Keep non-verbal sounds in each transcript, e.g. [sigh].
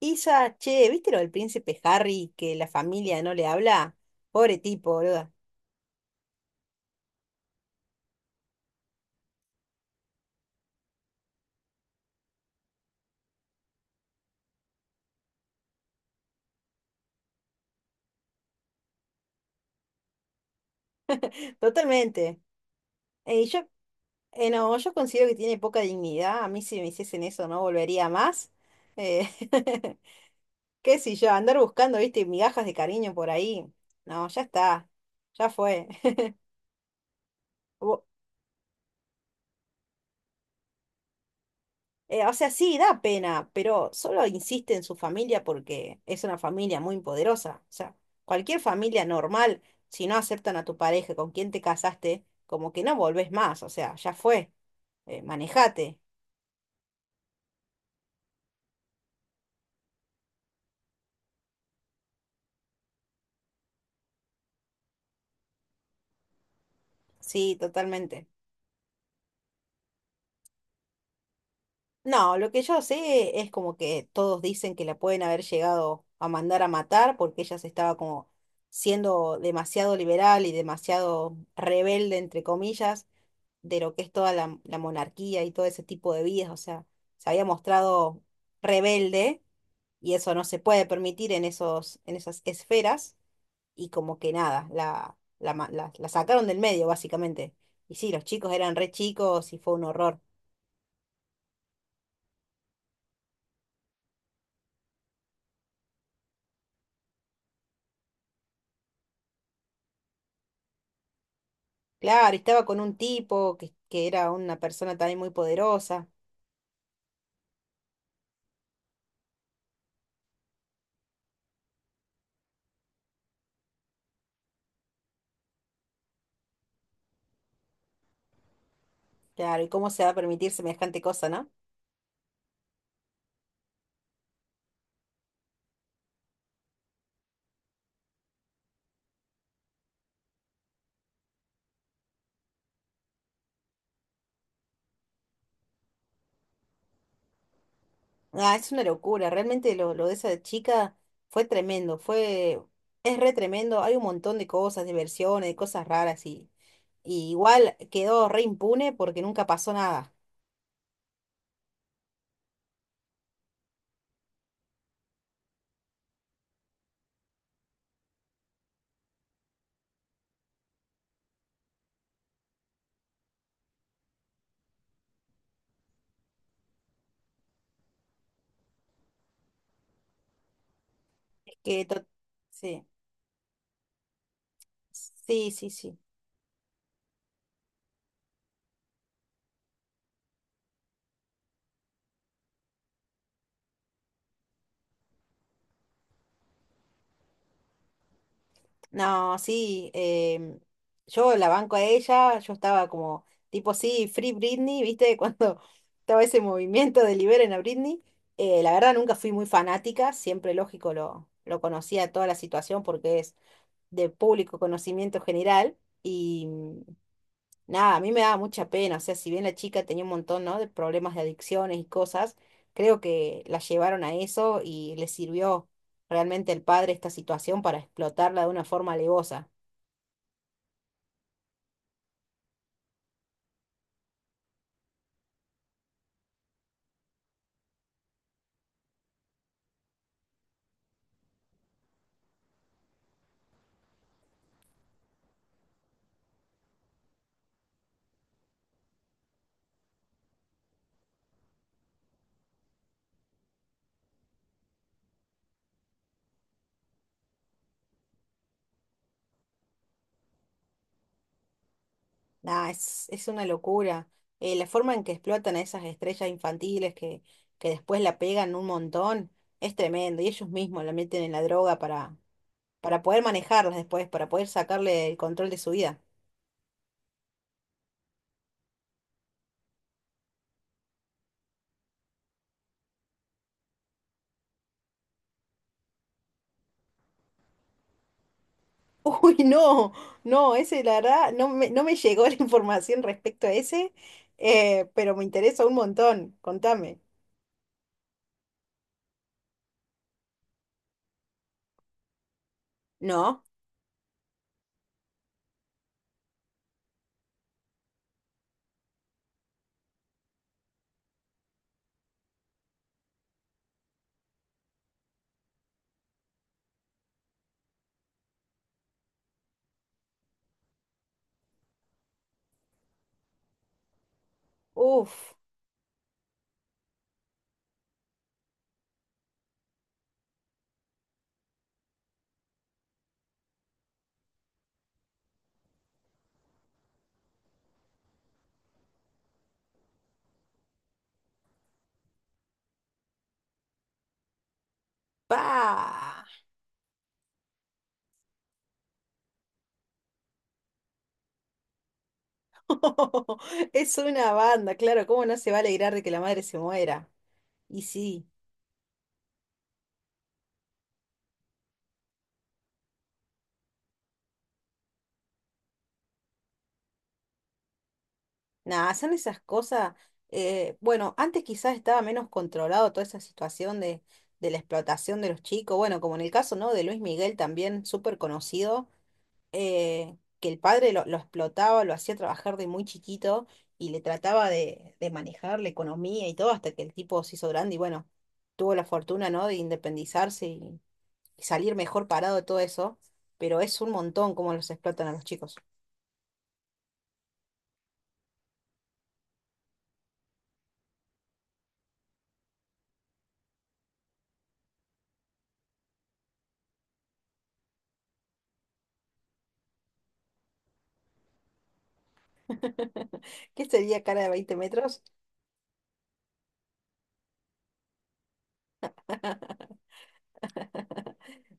Isa, che, ¿viste lo del príncipe Harry que la familia no le habla? Pobre tipo, boluda. Totalmente. Eh, y yo, no, yo considero que tiene poca dignidad. A mí si me hiciesen eso no volvería más. Eh, [laughs] Qué sé yo, andar buscando, viste, migajas de cariño por ahí. No, ya está. Ya fue. [laughs] O sea, sí, da pena, pero solo insiste en su familia porque es una familia muy poderosa. O sea, cualquier familia normal, si no aceptan a tu pareja con quien te casaste, como que no volvés más. O sea, ya fue, manejate. Sí, totalmente. No, lo que yo sé es como que todos dicen que la pueden haber llegado a mandar a matar porque ella se estaba como siendo demasiado liberal y demasiado rebelde, entre comillas de lo que es toda la monarquía y todo ese tipo de vidas, o sea, se había mostrado rebelde y eso no se puede permitir en esos, en esas esferas y como que nada, la sacaron del medio básicamente. Y sí, los chicos eran re chicos y fue un horror. Claro, y estaba con un tipo que era una persona también muy poderosa. Claro, ¿y cómo se va a permitir semejante cosa, no? Ah, es una locura, realmente lo de esa chica fue tremendo, es re tremendo, hay un montón de cosas, de versiones, de cosas raras y igual quedó re impune porque nunca pasó nada. Que to- sí, sí, sí, sí. No, sí, yo la banco a ella, yo estaba como tipo, sí, Free Britney, ¿viste? [laughs] Cuando estaba ese movimiento de liberen a Britney, la verdad nunca fui muy fanática, siempre lógico lo conocía toda la situación porque es de público conocimiento general y nada, a mí me daba mucha pena, o sea, si bien la chica tenía un montón, ¿no? de problemas de adicciones y cosas, creo que la llevaron a eso y le sirvió realmente al padre esta situación para explotarla de una forma alevosa. Nada, es una locura. La forma en que explotan a esas estrellas infantiles que después la pegan un montón es tremendo y ellos mismos la meten en la droga para poder manejarlas después, para poder sacarle el control de su vida. Uy, no, no, ese la verdad no me llegó [laughs] la información respecto a ese, pero me interesa un montón, contame. ¿No? Uf, pa. [laughs] Es una banda, claro, ¿cómo no se va a alegrar de que la madre se muera? Y sí, nada, son esas cosas, bueno, antes quizás estaba menos controlado toda esa situación de la explotación de los chicos, bueno, como en el caso, ¿no? de Luis Miguel también, súper conocido, que el padre lo explotaba, lo hacía trabajar de muy chiquito y le trataba de manejar la economía y todo hasta que el tipo se hizo grande y bueno, tuvo la fortuna, ¿no? de independizarse y salir mejor parado de todo eso, pero es un montón cómo los explotan a los chicos. [laughs] ¿Qué sería cara de 20 metros?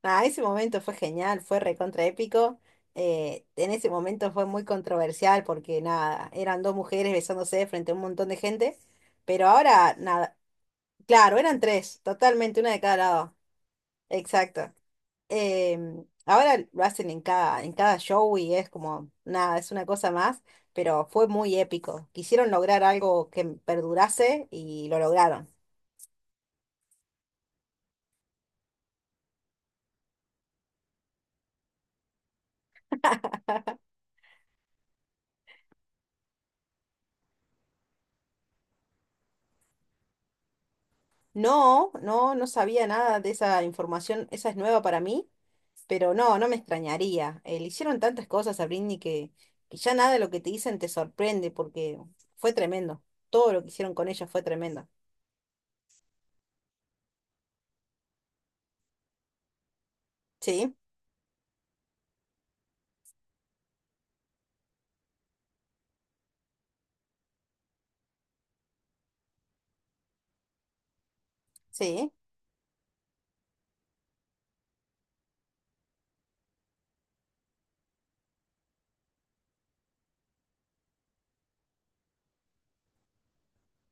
Nada, ese momento fue genial, fue recontra épico. En ese momento fue muy controversial porque nada, eran dos mujeres besándose frente a un montón de gente, pero ahora nada. Claro, eran tres, totalmente, una de cada lado. Exacto. Ahora lo hacen en cada show y es como, nada, es una cosa más, pero fue muy épico. Quisieron lograr algo que perdurase y lo lograron. No, no, no sabía nada de esa información, esa es nueva para mí, pero no, no me extrañaría. Le hicieron tantas cosas a Britney que ya nada de lo que te dicen te sorprende porque fue tremendo. Todo lo que hicieron con ella fue tremendo. Sí, sí.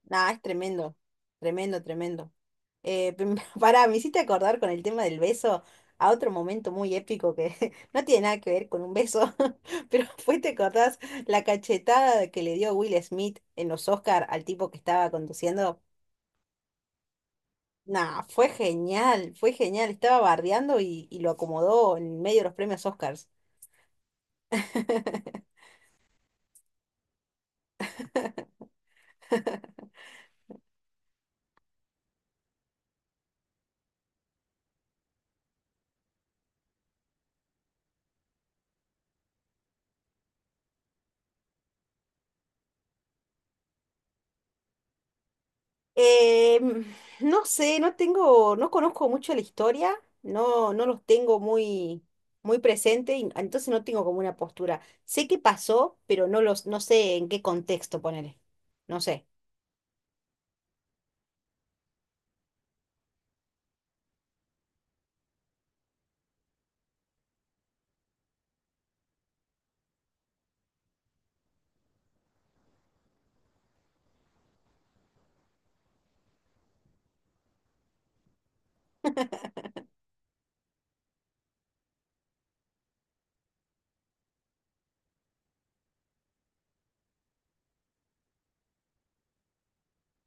Nah, es tremendo, tremendo, tremendo. [laughs] Pará, me hiciste acordar con el tema del beso a otro momento muy épico que [laughs] no tiene nada que ver con un beso, [laughs] pero fue, ¿te acordás la cachetada que le dio Will Smith en los Oscar al tipo que estaba conduciendo? Nah, fue genial, fue genial. Estaba bardeando y lo acomodó en medio de los premios Oscars. [laughs] Eh, no sé, no tengo, no conozco mucho la historia, no los tengo muy, muy presente, y entonces no tengo como una postura. Sé qué pasó, pero no sé en qué contexto ponerle. No sé.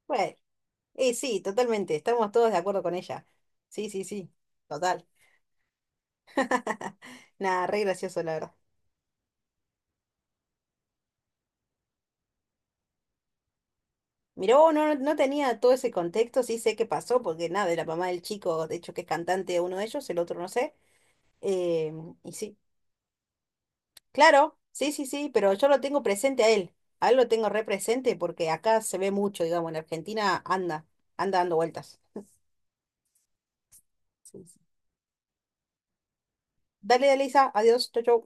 Bueno, sí, totalmente, estamos todos de acuerdo con ella. Sí, sí, sí, total. [laughs] Nada, re gracioso, la verdad. Mirá, vos, no tenía todo ese contexto, sí sé qué pasó, porque nada, de la mamá del chico, de hecho que es cantante uno de ellos, el otro no sé. Y sí. Claro, sí, sí, sí, pero yo lo tengo presente a él. A él lo tengo re presente porque acá se ve mucho, digamos, en Argentina anda dando vueltas. Sí, sí. Dale, Elisa, adiós, chau, chau.